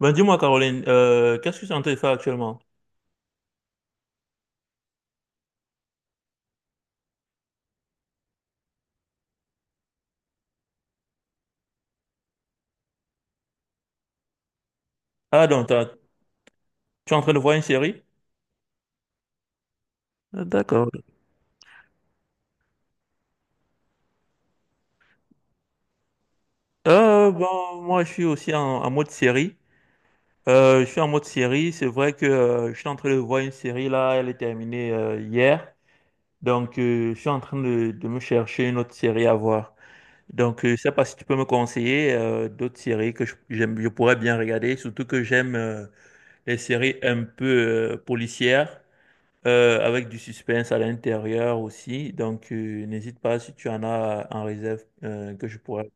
Ben, dis-moi, Caroline, qu'est-ce que tu es en train de faire actuellement? Ah, donc, tu es en train de voir une série? Ah, d'accord. Bon, moi, je suis aussi en mode série. Je suis en mode série. C'est vrai que je suis en train de voir une série là. Elle est terminée hier. Donc, je suis en train de me chercher une autre série à voir. Donc, je sais pas si tu peux me conseiller d'autres séries que j'aime, je pourrais bien regarder. Surtout que j'aime les séries un peu policières, avec du suspense à l'intérieur aussi. Donc, n'hésite pas si tu en as en réserve que je pourrais.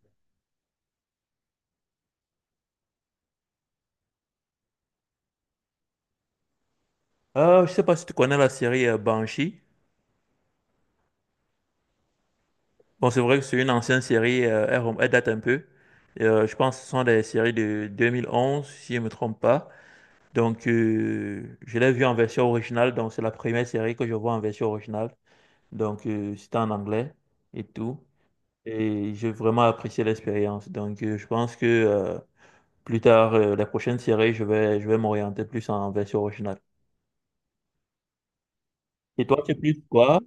Ah, je sais pas si tu connais la série Banshee. Bon, c'est vrai que c'est une ancienne série, elle date un peu. Je pense que ce sont des séries de 2011, si je ne me trompe pas. Donc, je l'ai vue en version originale. Donc, c'est la première série que je vois en version originale. Donc, c'était en anglais et tout. Et j'ai vraiment apprécié l'expérience. Donc, je pense que... plus tard, les prochaines séries, je vais m'orienter plus en version originale. Et toi, tu es plus quoi?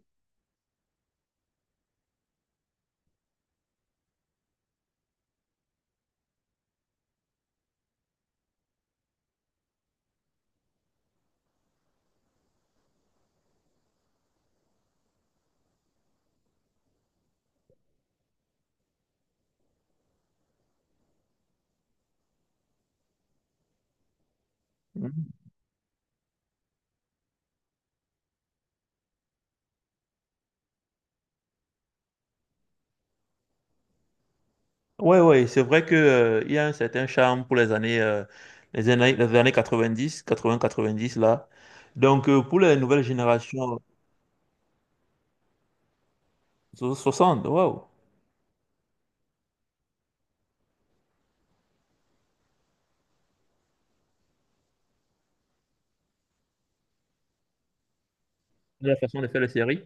Mhm. Ouais, ouais, c'est vrai que, il y a un certain charme pour les années, les années 90, 80, 90, là. Donc, pour les nouvelles générations, 60, waouh! La façon de faire les séries.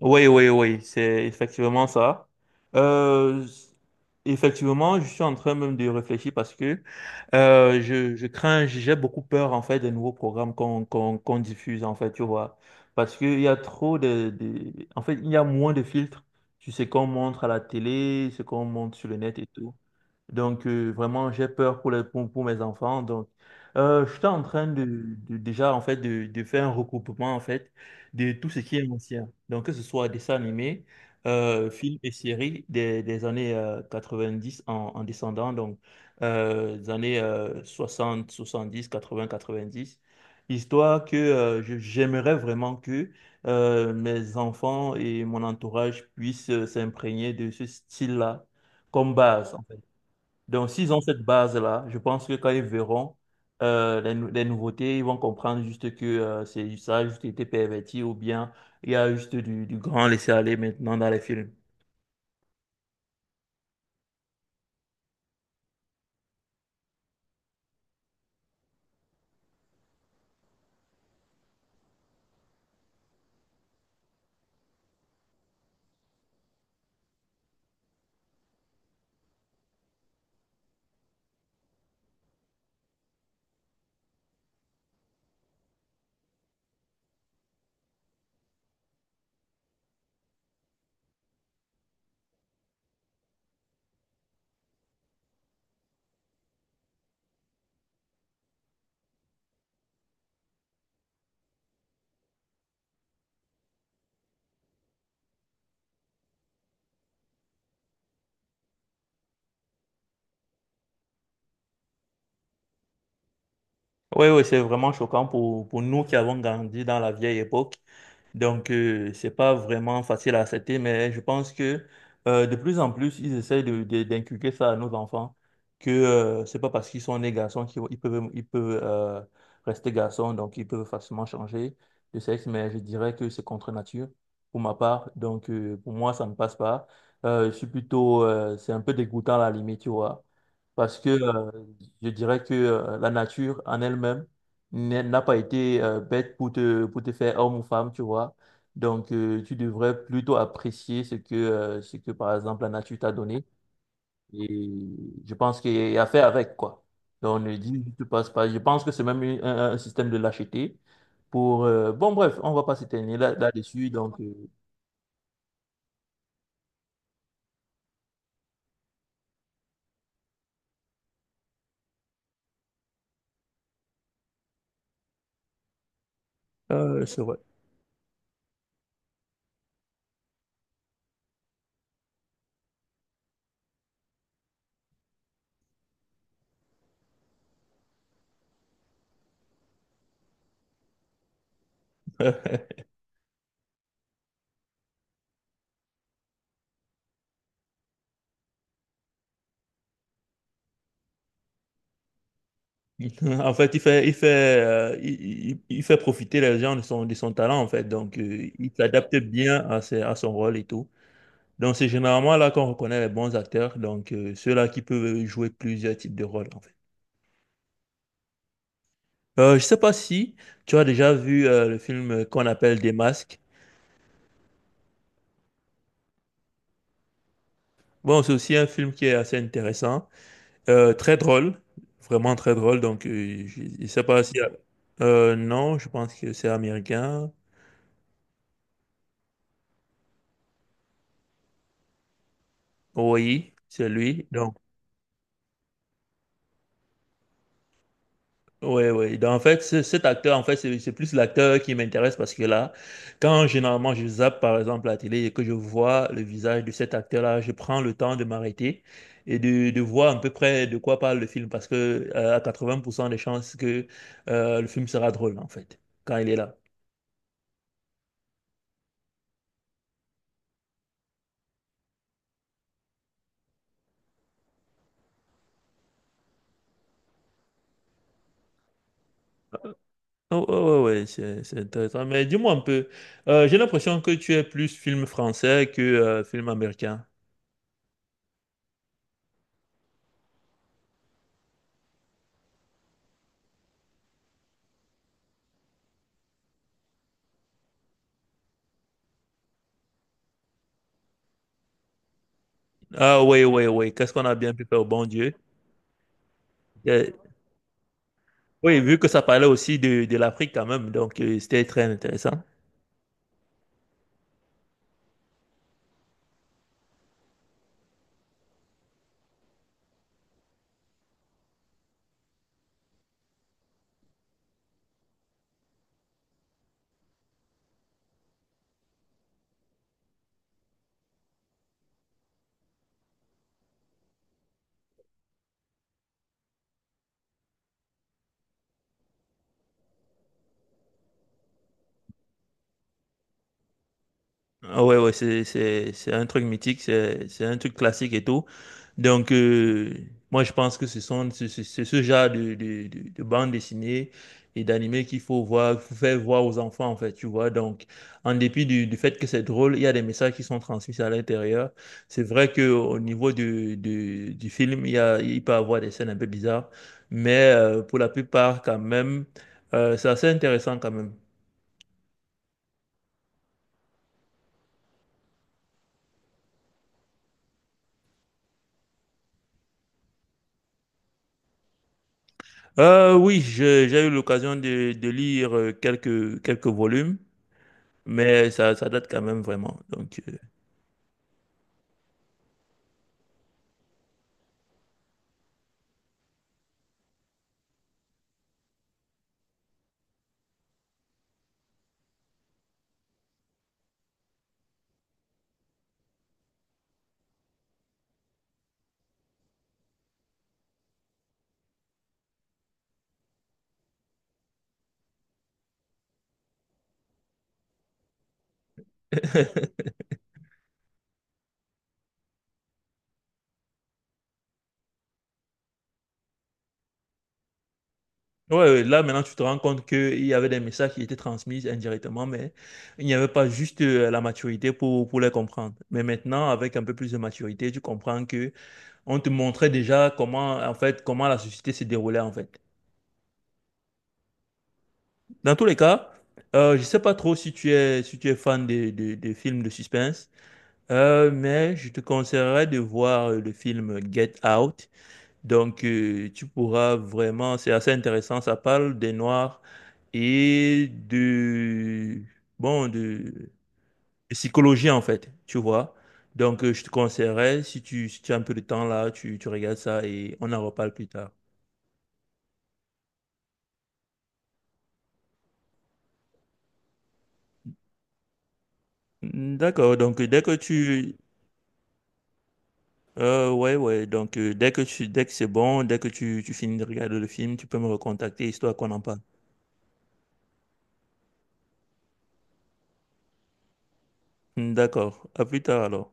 Oui, oui, oui, c'est effectivement ça. Euh, effectivement, je suis en train même de réfléchir parce que je crains, j'ai beaucoup peur en fait des nouveaux programmes qu'on diffuse en fait, tu vois. Parce qu'il y a trop de... En fait, il y a moins de filtres sur ce qu'on montre à la télé, ce qu'on montre sur le net et tout. Donc, vraiment, j'ai peur pour, pour mes enfants. Donc, je suis en train déjà, en fait, de faire un recoupement, en fait, de tout ce qui est ancien. Donc, que ce soit dessins animés, films et séries des années 90 en descendant, donc des années 60, 90, histoire que j'aimerais vraiment que mes enfants et mon entourage puissent s'imprégner de ce style-là comme base. Donc, s'ils ont cette base-là, je pense que quand ils verront les nouveautés, ils vont comprendre juste que ça a juste été perverti ou bien il y a juste du grand laisser-aller maintenant dans les films. Oui, oui, c'est vraiment choquant pour nous qui avons grandi dans la vieille époque. Donc, c'est pas vraiment facile à accepter, mais je pense que de plus en plus, ils essayent d'inculquer ça à nos enfants, que c'est pas parce qu'ils sont nés garçons qu'ils ils peuvent rester garçons, donc ils peuvent facilement changer de sexe, mais je dirais que c'est contre nature pour ma part. Donc, pour moi, ça ne passe pas. Je suis plutôt, c'est un peu dégoûtant à la limite, tu vois parce que je dirais que la nature en elle-même n'a pas été bête pour te faire homme ou femme, tu vois. Donc, tu devrais plutôt apprécier ce que, par exemple, la nature t'a donné. Et je pense qu'il y a à faire avec, quoi. Donc, ne dis, tu passes pas. Je pense que c'est même un système de lâcheté pour... bon, bref, on va pas s'éteigner là, là-dessus, donc... c'est vrai. En fait, il fait profiter les gens de son talent, en fait. Donc, il s'adapte bien à, à son rôle et tout. Donc, c'est généralement là qu'on reconnaît les bons acteurs, donc ceux-là qui peuvent jouer plusieurs types de rôles, en fait. Je sais pas si tu as déjà vu le film qu'on appelle Des Masques. Bon, c'est aussi un film qui est assez intéressant, très drôle, vraiment très drôle. Donc, je sais pas si... non, je pense que c'est américain. Oui, c'est lui. Donc, oui, oui. Donc, en fait, cet acteur, en fait, c'est plus l'acteur qui m'intéresse parce que là, quand généralement je zappe, par exemple, la télé et que je vois le visage de cet acteur-là, je prends le temps de m'arrêter et de voir à peu près de quoi parle le film parce que à 80% des chances que le film sera drôle, en fait, quand il est là. Oh, oh, ouais, ouais, c'est intéressant. Mais dis-moi un peu, j'ai l'impression que tu es plus film français que film américain. Ah, ouais, ouais, ouais. Qu'est-ce qu'on a bien pu faire, bon Dieu. Oui, vu que ça parlait aussi de l'Afrique quand même, donc c'était très intéressant. Ah ouais, ouais, c'est un truc mythique, c'est un truc classique et tout. Donc, moi, je pense que ce sont, c'est ce genre de bande dessinée et d'animé qu'il faut voir, faut faire voir aux enfants, en fait, tu vois. Donc, en dépit du fait que c'est drôle, il y a des messages qui sont transmis à l'intérieur. C'est vrai que au niveau du film, il y a, il peut y avoir des scènes un peu bizarres, mais pour la plupart, quand même, c'est assez intéressant quand même. Oui, j'ai eu l'occasion de lire quelques volumes, mais ça date quand même vraiment. Donc, ouais, ouais, là maintenant tu te rends compte qu'il y avait des messages qui étaient transmis indirectement, mais il n'y avait pas juste la maturité pour les comprendre. Mais maintenant, avec un peu plus de maturité, tu comprends que on te montrait déjà comment en fait comment la société se déroulait en fait. Dans tous les cas, je sais pas trop si tu es si tu es fan des films de suspense, mais je te conseillerais de voir le film Get Out. Donc, tu pourras vraiment, c'est assez intéressant, ça parle des Noirs et de, bon, de psychologie en fait, tu vois. Donc, je te conseillerais, si tu, si tu as un peu de temps là, tu regardes ça et on en reparle plus tard. Mm, d'accord, donc dès que tu... ouais, ouais, donc dès que tu, dès que c'est bon, dès que tu finis de regarder le film, tu peux me recontacter histoire qu'on en parle. Mm, d'accord, à plus tard alors.